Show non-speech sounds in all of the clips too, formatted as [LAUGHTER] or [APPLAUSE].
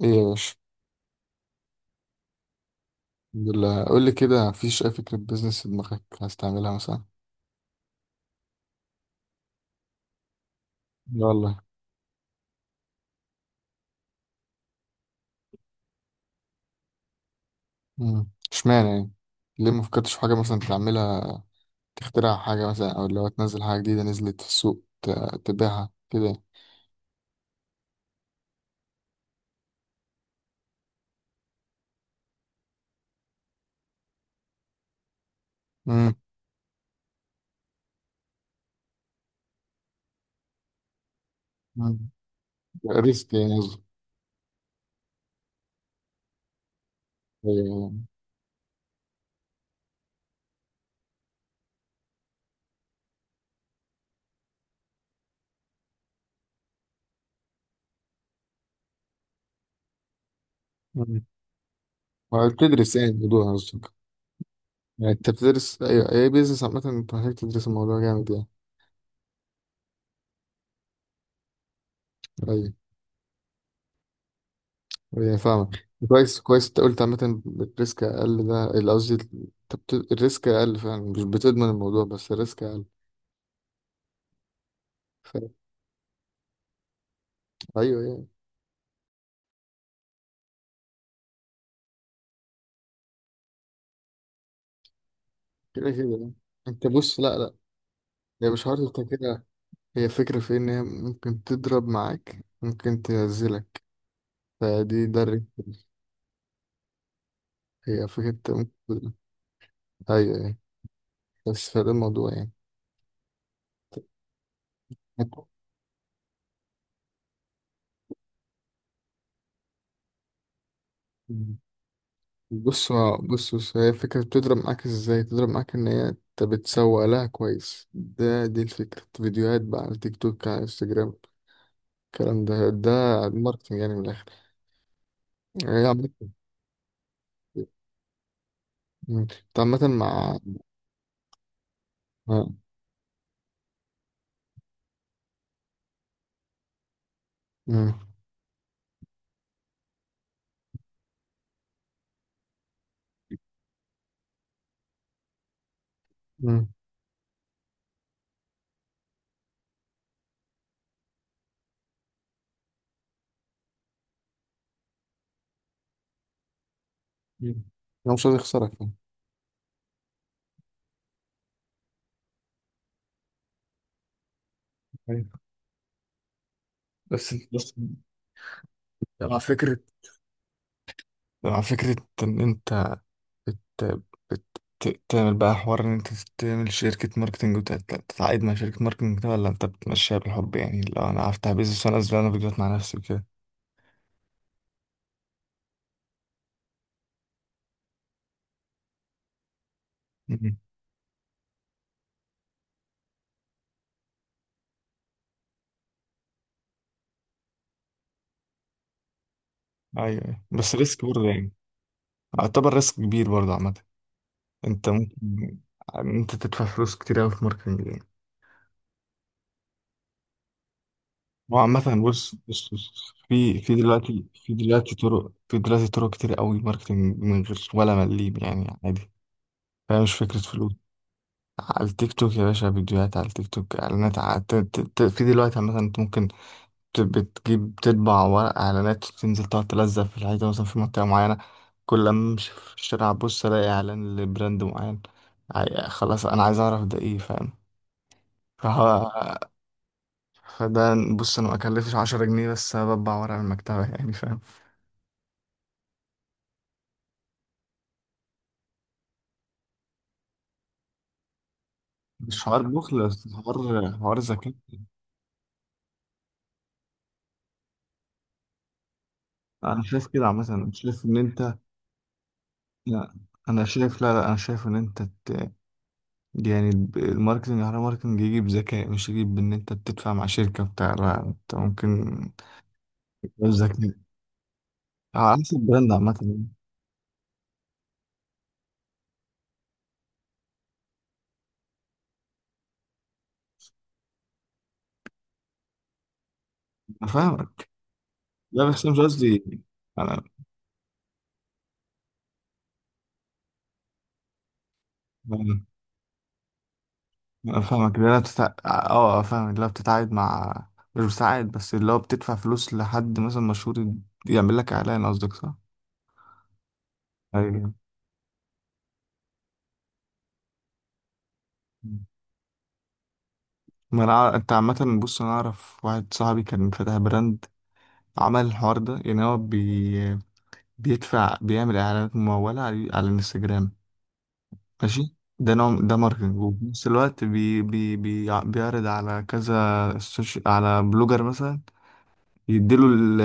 ايه يا باشا. الحمد لله. قول لي كده مفيش اي فكره بيزنس في دماغك عايز تعملها مثلا؟ لا والله. اشمعنى يعني؟ ليه ما فكرتش في حاجه مثلا تعملها؟ تخترع حاجه مثلا، او اللي هو تنزل حاجه جديده نزلت في السوق، تبيعها كده؟ امم امم ريسك يعني، قصدي. أيوة. أمم. ما بتدرس يعني الموضوع قصدك؟ يعني انت بتدرس اي بيزنس، عامه انت محتاج تدرس الموضوع جامد يعني. طيب. يعني فاهمك كويس كويس. انت قلت عامة الريسك أقل، ده اللي قصدي، انت الريسك أقل فعلا، مش بتضمن الموضوع بس الريسك أقل. ف... أيوه يعني. كده كده يعني. انت بص، لا لا، هي مش حوار انت كده. هي فكرة في إن هي ممكن تضرب معاك، ممكن تنزلك، فدي ده الريسك. هي فكرة انت ممكن. أيوه يعني. بس فده الموضوع يعني. بص بص بص، هي الفكرة بتضرب معاك ازاي؟ تضرب معاك ان هي انت بتسوق لها كويس، ده دي الفكرة، فيديوهات بقى على تيك توك، على انستجرام، الكلام ده. الماركتنج يعني من الاخر، يعني هي عامة. مم. انت عامة مع- مم. مم. مم. انا مش عايز اخسرك يعني. أيوة. بس بس، مع فكرة مع فكرة ان انت بت... بت... تعمل بقى حوار ان انت تعمل شركة ماركتنج، وتتعاقد مع شركة ماركتنج كده، ولا انت بتمشيها بالحب يعني؟ لو انا هفتح بيزنس وانا انزل انا فيديوهات مع نفسي وكده. مم. ايوه أيوة. بس ريسك برضه يعني. اعتبر ريسك كبير برضه عامة، انت ممكن ان انت تدفع فلوس كتير قوي في ماركتنج يعني. هو عامة، بص بص بص، في دلوقتي طرق كتير قوي ماركتنج من غير ولا مليم يعني، عادي. فهي مش فكرة فلوس. على التيك توك يا باشا، فيديوهات على التيك توك، اعلانات في دلوقتي مثلا انت ممكن بتجيب تطبع ورق اعلانات، وتنزل تقعد تلزق في الحيطه مثلا في منطقه معينه. كل ما امشي في الشارع ابص، الاقي اعلان لبراند معين. خلاص انا عايز اعرف ده ايه، فاهم؟ فه- [LAUGHS] فده بص، انا ما اكلفش 10 جنيه بس، بطبع ورق من المكتبه. [LAUGHS] يعني فاهم. مش حوار بخل، بس حوار ذكاء. انا شايف كده عامه، انا شايف ان انت. لا، انا شايف، لا لا، انا شايف ان انت يعني، الماركتنج على ماركتنج يجي بذكاء، مش يجي بان انت بتدفع مع شركة بتاع، لا انت ممكن بذكاء على حسب البراند عامة. انا فاهمك، لا بس انا مش قصدي انا. انا فاهمك، لا بتتع... اه آه، فاهمك، لا بتتعاقد مع، مش بتتعاقد، بس اللي هو بتدفع فلوس لحد مثلا مشهور يعمل لك اعلان قصدك، صح؟ ايوه. ما انا أع- انت عامة بص، انا اعرف واحد صاحبي كان فاتح براند، عمل الحوار ده يعني، هو بيدفع، بيعمل اعلانات ممولة على الانستجرام. ماشي، ده نوع، ده ماركتنج. وفي نفس الوقت بي بي بي بيعرض على كذا سوشي، على بلوجر مثلا، يديله ال-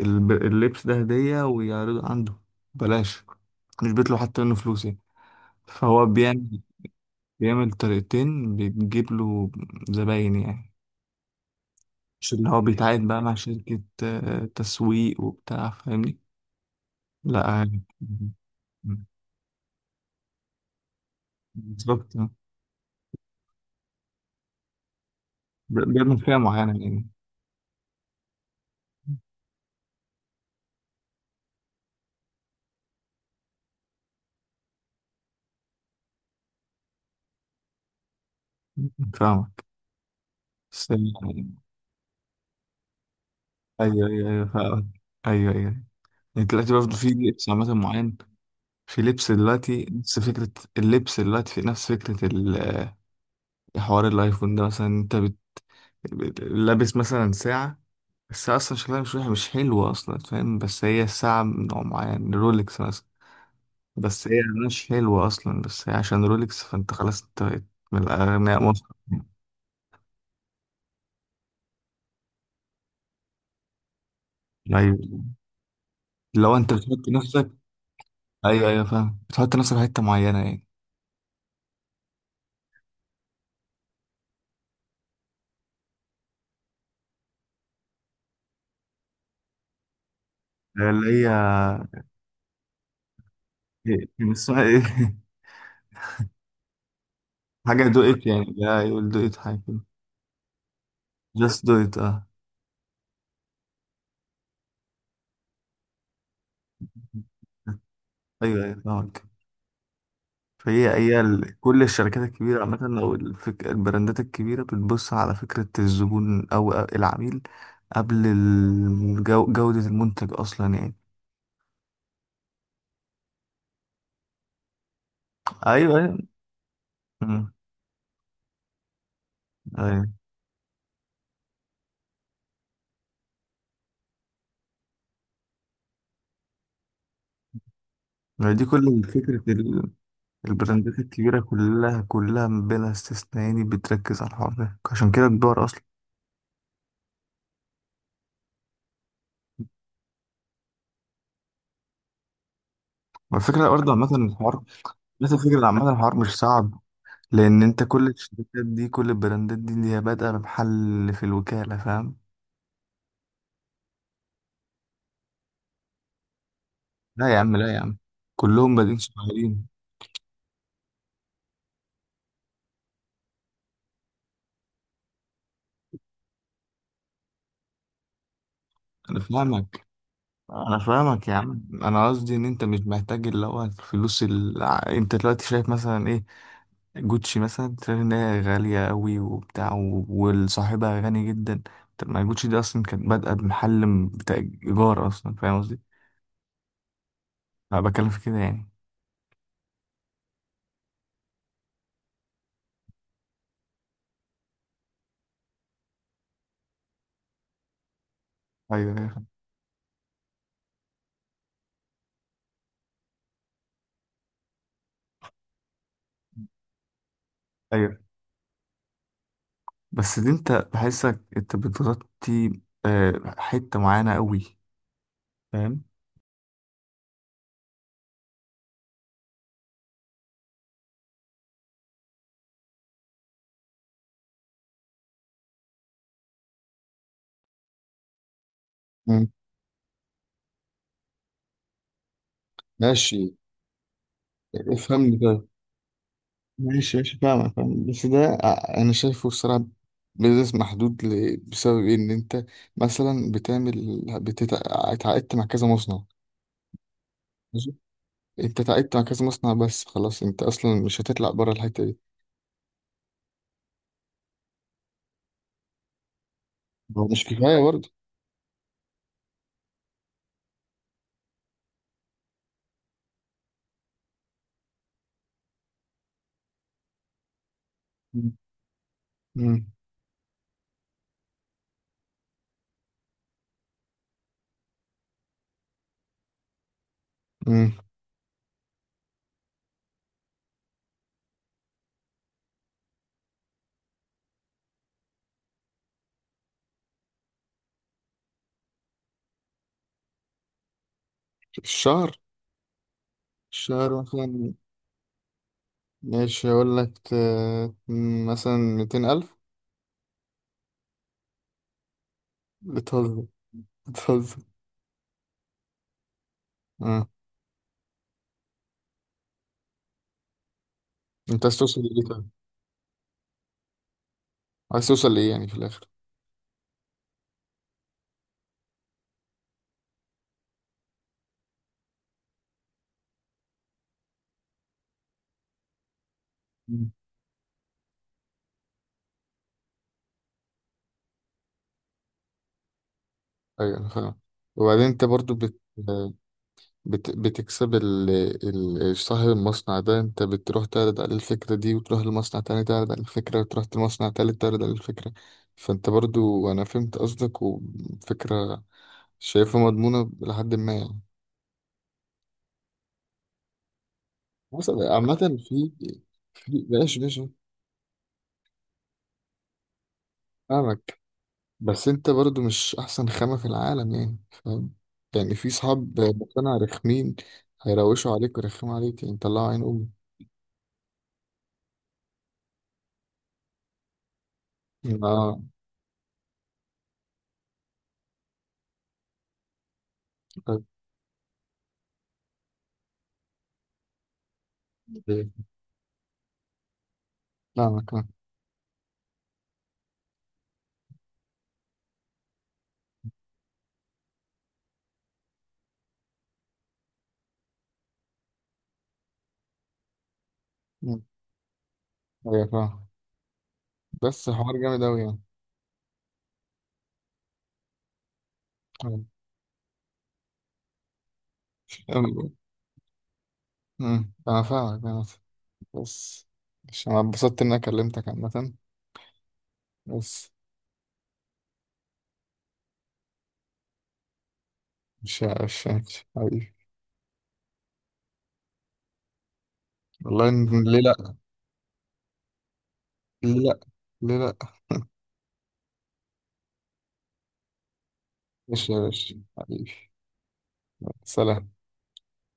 ال- اللبس ده هدية ويعرضه عنده بلاش، مش بيطلع حتى منه فلوس يعني. فهو بيعمل طريقتين بتجيب له زباين يعني، مش اللي هو بيتعاقد بقى مع شركة تسويق وبتاع، فاهمني؟ لا يعني. بالظبط. بيعمل فئة معينة يعني. فاهمك. بس يعني أيوه أيوه أيوه فاهمك. أيوه أيوه. يعني دلوقتي برضه في لبس عامة معين، في لبس دلوقتي نفس فكرة، اللبس دلوقتي في نفس فكرة حوار الأيفون ده مثلا. أنت لابس مثلا ساعة، الساعة أصلا شكلها مش حلوة أصلا، فاهم؟ بس هي الساعة من نوع معين، رولكس مثلا. بس هي مش حلوة أصلا، بس هي عشان رولكس، فأنت خلاص، أنت بقيت من الأغنياء مصر. أيوه. لو أنت بتحط نفسك، ايوه ايوه فاهم، بتحط نفسك في حته معينه يعني. اللي هي كان اسمها ايه؟ [LAUGHS] حاجه دو ات يعني، لا، يقول دو ات، حاجه كده. جاست دو ات، اه. ايوه ايوه فاهمك. فهي كل الشركات الكبيره عامه، او البراندات الكبيره بتبص على فكره الزبون او العميل قبل جوده المنتج اصلا يعني. ايوه ايوه. مم. ايوه. ما دي كل فكره البراندات الكبيرة، كلها كلها بلا استثناء يعني، بتركز على الحوار ده، عشان كده كبار أصلا. والفكرة برضه عامة الحوار، نفس الفكرة عامة، الحوار مش صعب، لأن أنت كل الشركات دي، كل البراندات دي اللي هي بادئة بمحل في الوكالة، فاهم؟ لا يا عم، لا يا عم، كلهم بادئين صغيرين. أنا فاهمك، أنا فاهمك يا عم، أنا قصدي إن أنت مش محتاج اللي هو الفلوس اللي أنت دلوقتي شايف مثلا إيه، جوتشي مثلا تلاقي ان هي غالية قوي وبتاع، والصاحبها غني جدا. طب ما جوتشي دي اصلا كانت بادئة بمحل بتاع ايجار اصلا، فاهم قصدي؟ انا بتكلم في كده يعني. ايوه ايوه ايوه. بس دي انت بحسك انت بتغطي حتة معينة قوي، فاهم. مم. ماشي. افهمني طيب. ماشي ماشي فاهمك فاهم، بس ده، انا شايفه الصراحة بيزنس محدود، بسبب إيه؟ ان انت مثلا بتعمل، بتتعاقدت مع كذا مصنع. انت تعبت مع كذا مصنع، بس خلاص انت اصلا مش هتطلع بره الحته دي. هو مش كفايه برضه. مم. مم. مم. الشهر. الشهر مثلا. ماشي هقول لك، مثلا 200,000. بتهزر بتهزر. مم. انت عايز توصل لإيه طيب؟ عايز توصل لإيه يعني في الآخر؟ مم. أيوة أنا فاهم. وبعدين أنت برضو بتكسب صاحب المصنع ده انت بتروح تعرض عليه الفكرة دي، وتروح لمصنع تاني تعرض عليه الفكرة، وتروح لمصنع تالت تعرض عليه الفكرة. فانت برضو، انا فهمت قصدك، وفكرة شايفها مضمونة لحد ما يعني. بص، عامة. في في ماشي ماشي فاهمك. بس انت برضو مش احسن خامة في العالم يعني، فاهم؟ يعني في صحاب مقتنع رخمين، هيروشوا عليك ويرخموا عليك يعني، طلعوا عين امي. اه. طيب، فاهمك آه. ايوه فاهم. بس حوار جامد اوي يعني. أيوة. أم- أمم، انا فاهمك انا فاهمك. بس، مش انا اتبسطت اني كلمتك عامة، بس مش حبيبي. والله ليه لا، ليه لا، ليه لا. [LAUGHS] مش يا باشا حبيبي. سلام.